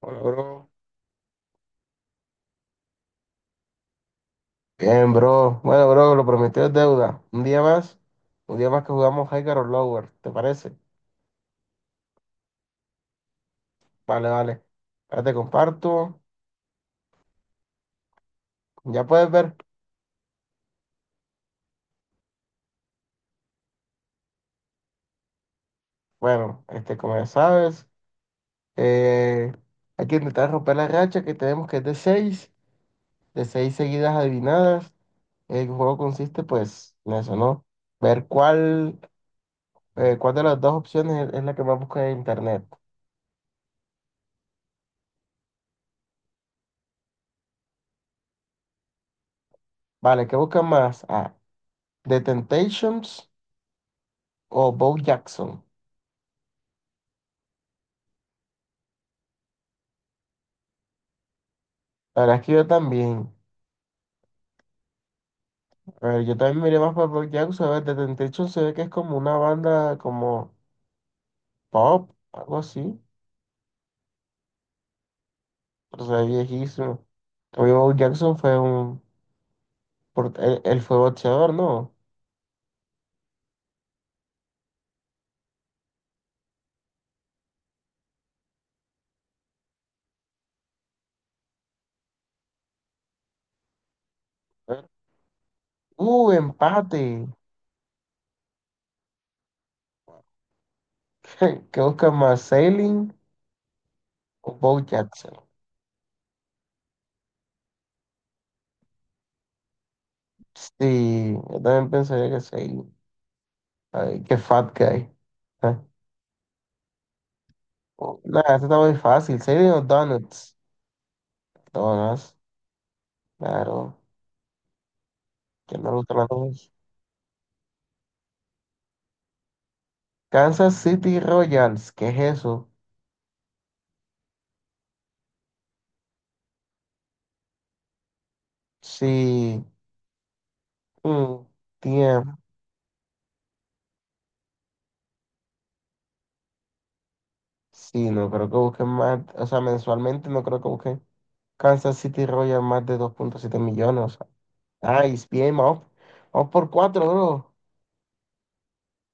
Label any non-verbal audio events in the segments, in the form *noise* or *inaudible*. Hola, bro. Bien, bro. Bueno, bro, lo prometido es deuda. Un día más que jugamos Higher or Lower, ¿te parece? Vale, vale. Ahora te comparto. Ya puedes ver. Bueno, este, como ya sabes, eh, hay que intentar romper la racha que tenemos que es de 6, de 6 seguidas adivinadas. El juego consiste, pues, en eso, ¿no? Ver cuál, cuál de las dos opciones es la que más busca en internet. Vale, ¿qué buscan más? Ah, The Temptations o Bo Jackson. La verdad es que yo también. A ver, yo también miré más para Black Jackson. A ver, The Temptation se ve que es como una banda como pop, algo así. Pero se ve viejísimo. También Bo Jackson fue un... Él fue boxeador, ¿no? A ver. ¡Uh, empate! *laughs* ¿Qué busca más, Sailing o Bo Jackson? Sí, yo también pensaría que Sailing. Ay, qué fat guy. Ah, oh, nada, esto está muy fácil. Sailing o Donuts. Donuts, claro. ¿Quién no le gustan las dos? Kansas City Royals, ¿qué es eso? Sí, mm, tiem- sí, no creo que busquen más, o sea, mensualmente no creo que busquen Kansas City Royals más de 2.7 millones. O sea. Nice, bien, vamos, vamos por 4, bro.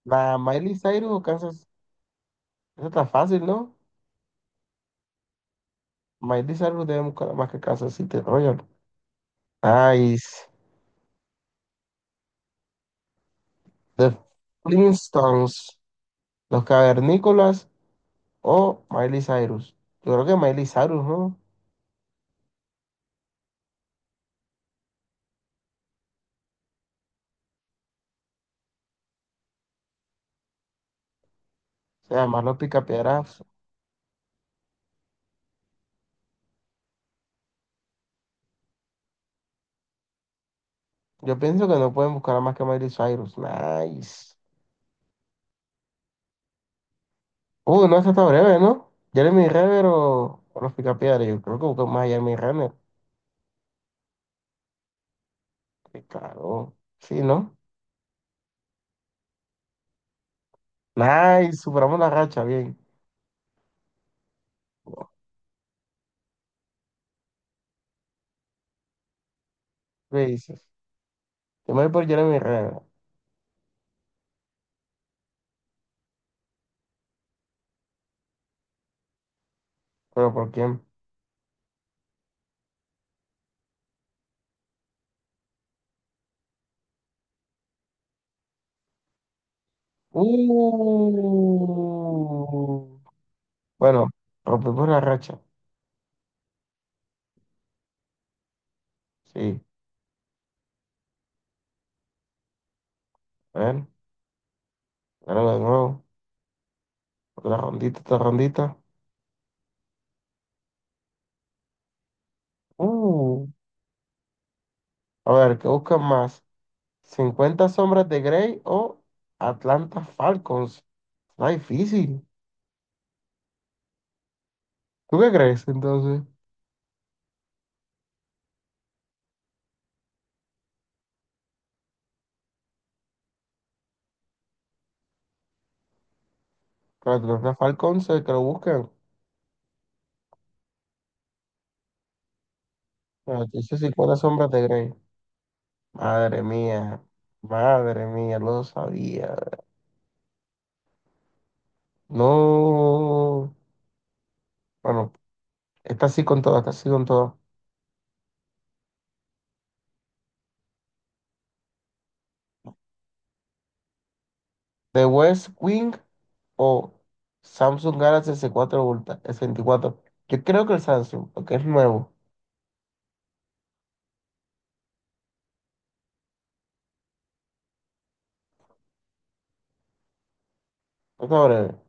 La Miley Cyrus o Kansas, eso está fácil, ¿no? Miley Cyrus debe buscar más que Kansas City Royals. Nice. The Flintstones, Los Cavernícolas o Miley Cyrus. Yo creo que Miley Cyrus, ¿no? O sea, más los picapiedras. Yo pienso que no pueden buscar a más que Miley Cyrus. Nice. No, esa está breve, ¿no? Jeremy Renner o los Picapiedra. Yo creo que buscan más a Jeremy Renner. Sí, claro. Sí, ¿no? Nice. Superamos la racha. Bien. ¿Qué dices? Yo me voy por Jeremy Renner. ¿Pero por quién? Uh. Bueno, rompimos la racha. Sí. A ver. Ahora de nuevo. Otra rondita, otra rondita. Uh. A ver, ¿qué buscan más? ¿50 sombras de Grey o Atlanta Falcons? Está difícil. ¿Tú qué crees entonces? Que Atlanta Falcons que lo busquen. Bueno, te dice 50 sombras de Grey. Madre mía. Madre mía, lo sabía. No. Bueno, está así con todo, está así con todo. ¿The West Wing o Samsung Galaxy s 4 Ultra? S 24. Yo creo que el Samsung, porque es nuevo. Vamos a ver.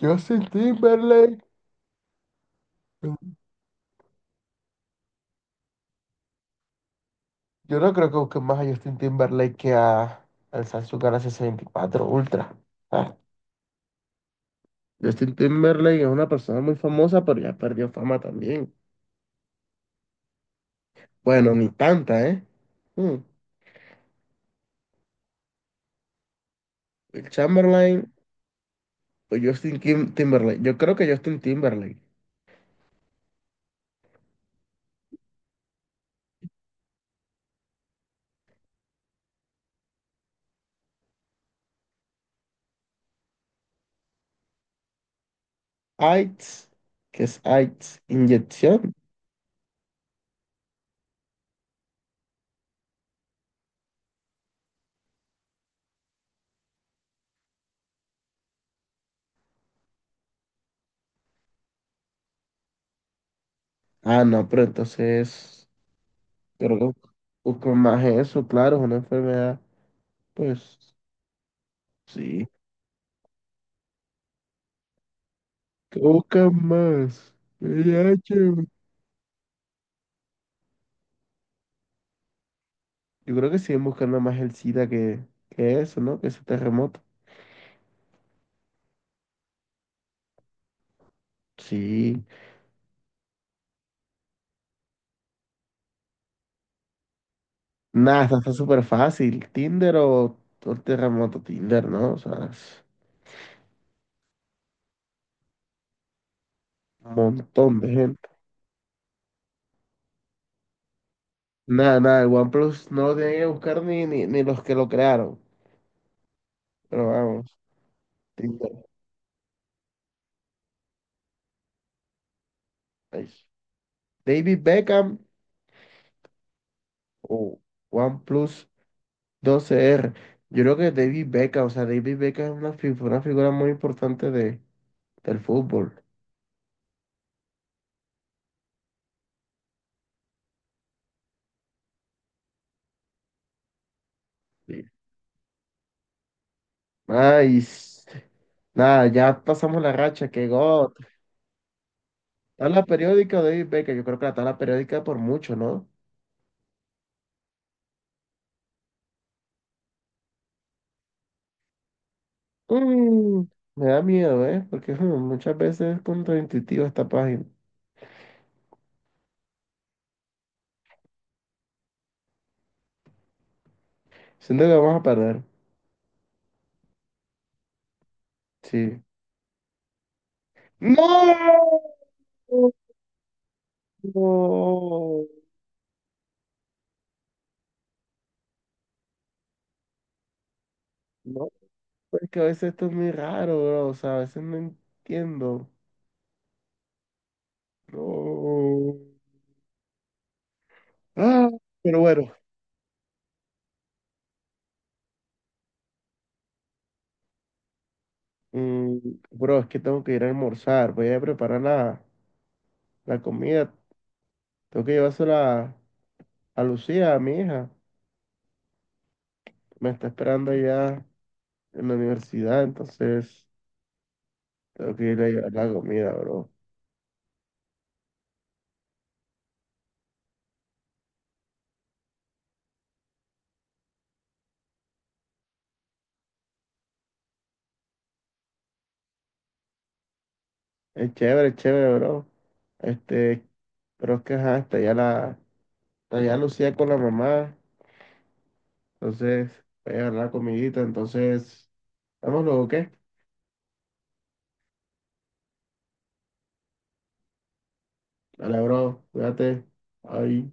Justin Timberlake. Yo no creo que busquen más a Justin Timberlake que a, al Samsung Galaxy S24 Ultra. Ah, Justin Timberlake es una persona muy famosa, pero ya perdió fama también. Bueno, ni tanta, ¿eh? Mm. El Chamberlain o Justin Timberlake. Yo creo que Justin Timberlake. AIDS, ¿qué es AIDS? Inyección. Ah, no, pero entonces creo que buscan más eso, claro, es una enfermedad. Pues sí. ¿Qué buscan más? VIH, yo creo que siguen buscando más el SIDA que eso, ¿no? Que ese terremoto. Sí. Nada, está súper fácil. Tinder o terremoto Tinder, ¿no? O sea, es un montón de gente. Nada, nada, el OnePlus no lo tienen que buscar ni los que lo crearon. Pero vamos, Tinder. Ahí. David Beckham o OnePlus 12R. Yo creo que David Beckham, o sea, David Beckham es una, una figura muy importante de, del fútbol. Ay, nada, ya pasamos la racha, qué god. Tabla periódica de David Beckham, yo creo que la tabla periódica por mucho, ¿no? Mm, me da miedo, ¿eh? Porque mm, muchas veces es contraintuitiva esta página. Siento que vamos a perder, sí. ¡No! No, no, pues es que a veces esto es muy raro, bro, o sea, a veces no entiendo. No. Ah, pero bueno, mm, bro, es que tengo que ir a almorzar, voy a preparar la la comida. Tengo que llevársela a Lucía, a mi hija. Me está esperando allá en la universidad, entonces tengo que ir a llevar la comida, bro. Es chévere, bro. Este, pero es que ajá, está allá la, está allá Lucía con la mamá, entonces voy a llevar la comidita, entonces, vamos luego, ¿qué? Dale, bro, cuídate. Ay.